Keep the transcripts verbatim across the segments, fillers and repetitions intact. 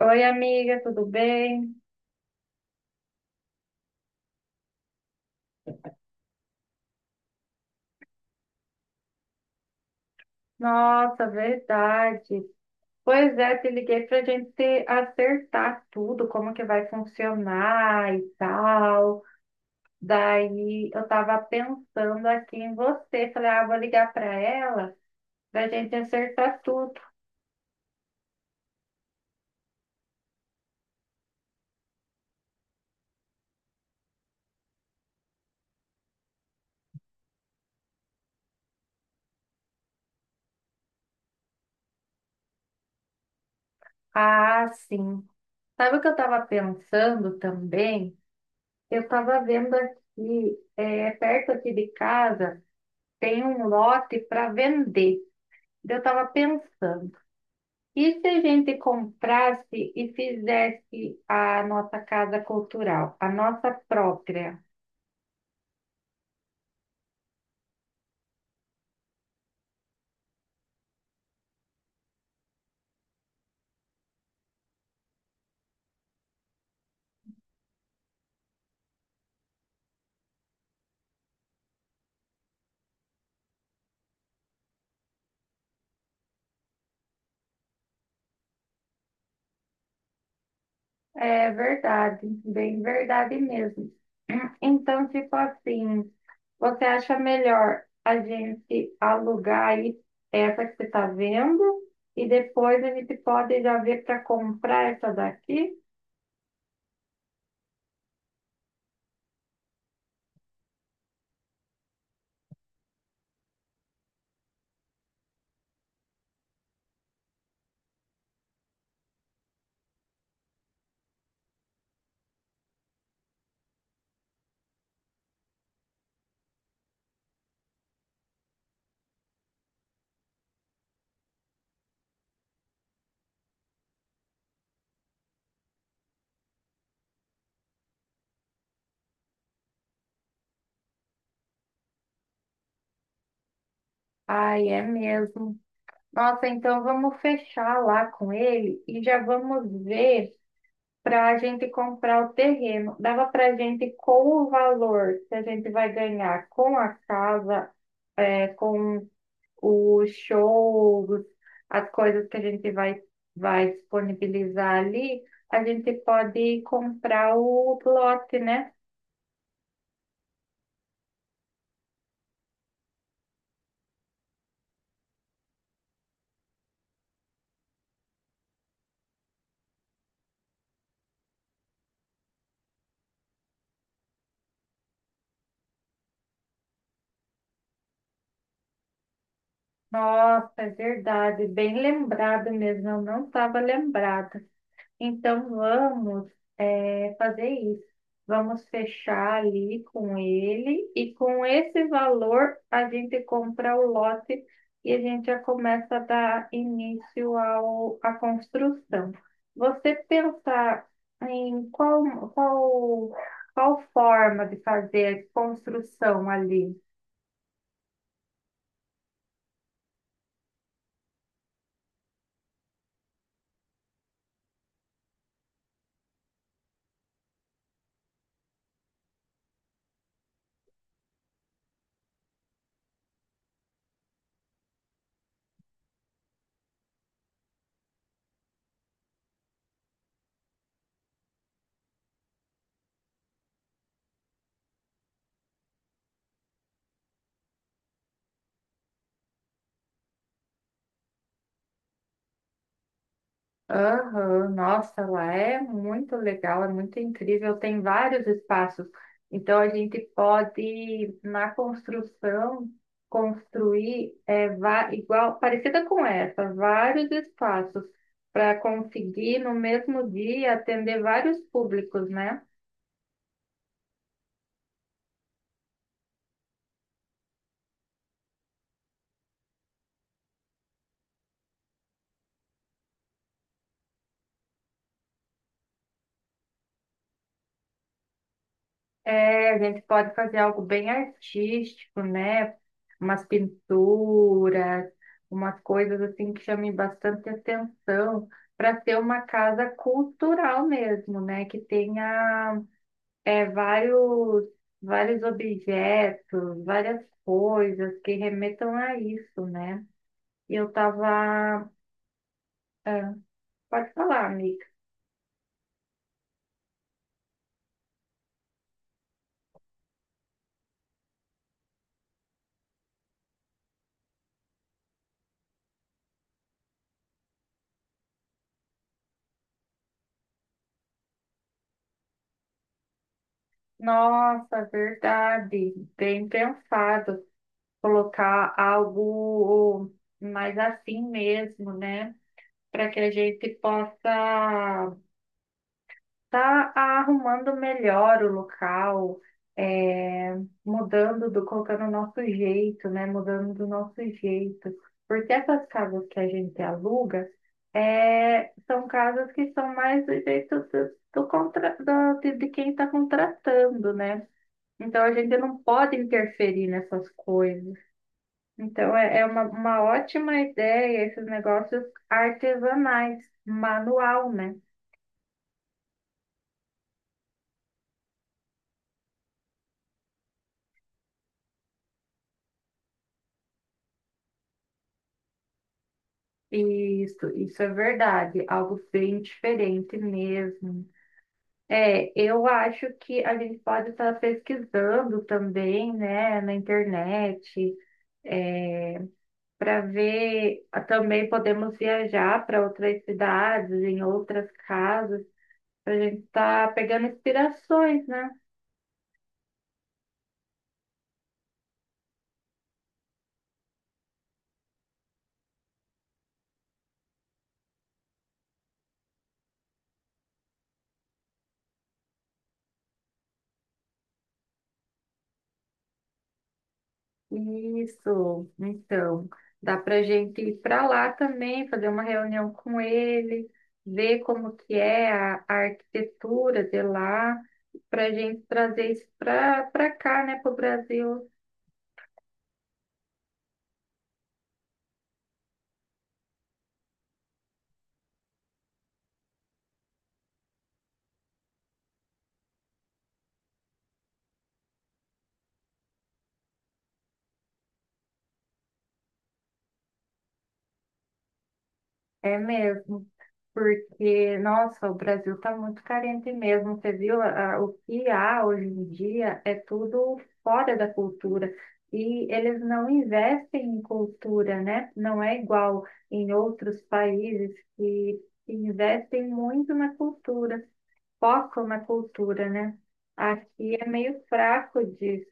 Oi, amiga, tudo bem? Nossa, verdade. Pois é, te liguei para a gente se acertar tudo, como que vai funcionar e tal. Daí eu estava pensando aqui em você, falei, ah, vou ligar para ela para a gente acertar tudo. Ah, sim. Sabe o que eu estava pensando também? Eu estava vendo aqui, é, perto aqui de casa, tem um lote para vender. Eu estava pensando. E se a gente comprasse e fizesse a nossa casa cultural, a nossa própria? É verdade, bem verdade mesmo. Então, tipo assim, você acha melhor a gente alugar aí essa que você está vendo e depois a gente pode já ver para comprar essa daqui? Ai, é mesmo. Nossa, então vamos fechar lá com ele e já vamos ver, para a gente comprar o terreno. Dava para a gente, com o valor que a gente vai ganhar com a casa, é, com os shows, as coisas que a gente vai, vai disponibilizar ali, a gente pode comprar o lote, né? Nossa, é verdade, bem lembrado mesmo, eu não estava lembrada. Então vamos, é, fazer isso. Vamos fechar ali com ele e com esse valor a gente compra o lote e a gente já começa a dar início ao, à construção. Você pensar em qual, qual, qual forma de fazer a construção ali? Aham. Nossa, lá é muito legal, é muito incrível, tem vários espaços. Então a gente pode, na construção, construir, é, va- igual, parecida com essa, vários espaços para conseguir no mesmo dia atender vários públicos, né? É, a gente pode fazer algo bem artístico, né? Umas pinturas, umas coisas assim que chamem bastante atenção, para ser uma casa cultural mesmo, né? Que tenha é, vários, vários objetos, várias coisas que remetam a isso, né? E eu tava. Pode falar, amiga. Nossa, verdade. Bem pensado. Colocar algo mais assim mesmo, né? Para que a gente possa estar arrumando melhor o local, é, mudando, do, colocando o nosso jeito, né? Mudando do nosso jeito. Porque essas casas que a gente aluga, é, são casas que são mais do jeito do, do contra, do- de de quem está contratando, né? Então a gente não pode interferir nessas coisas. Então, é, é uma, uma ótima ideia esses negócios artesanais, manual, né? Isso, isso é verdade, algo bem diferente mesmo. É, eu acho que a gente pode estar pesquisando também, né, na internet, para ver. Também podemos viajar para outras cidades, em outras casas, para a gente estar pegando inspirações, né? Isso, então, dá para gente ir para lá também, fazer uma reunião com ele, ver como que é a, a arquitetura de lá, para gente trazer isso para para cá, né, para o Brasil. É mesmo. Porque, nossa, o Brasil está muito carente mesmo. Você viu a- a- o que há hoje em dia é tudo fora da cultura. E eles não investem em cultura, né? Não é igual em outros países que investem muito na cultura, focam na cultura, né? Aqui é meio fraco disso.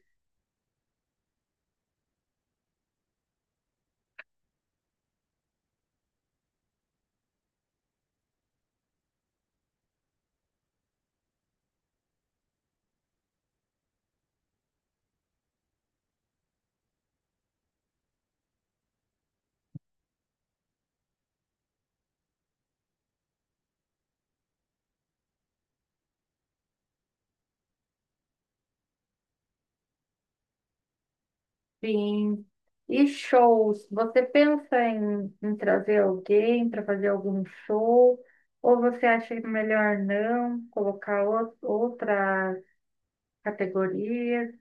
Sim. E shows? Você pensa em, em trazer alguém para fazer algum show? Ou você acha melhor não colocar ou- outras categorias?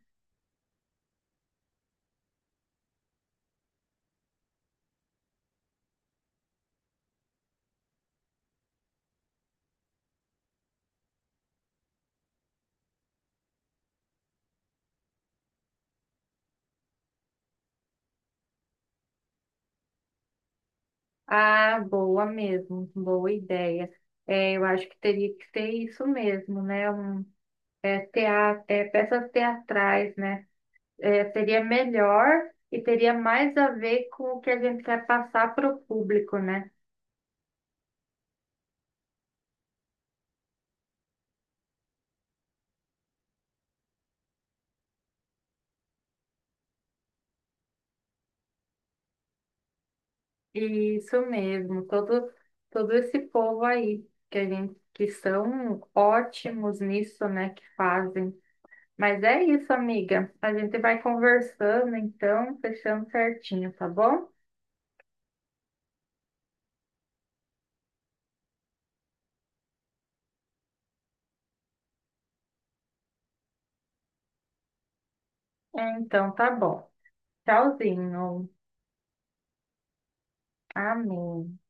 Ah, boa mesmo, boa ideia. É, eu acho que teria que ser isso mesmo, né? Um, é, teatro, é, peças teatrais, né? É, seria melhor e teria mais a ver com o que a gente quer passar para o público, né? Isso mesmo, todo, todo esse povo aí que a gente que são ótimos nisso, né, que fazem. Mas é isso, amiga. A gente vai conversando, então, fechando certinho, tá bom? É, então, tá bom. Tchauzinho. Amém.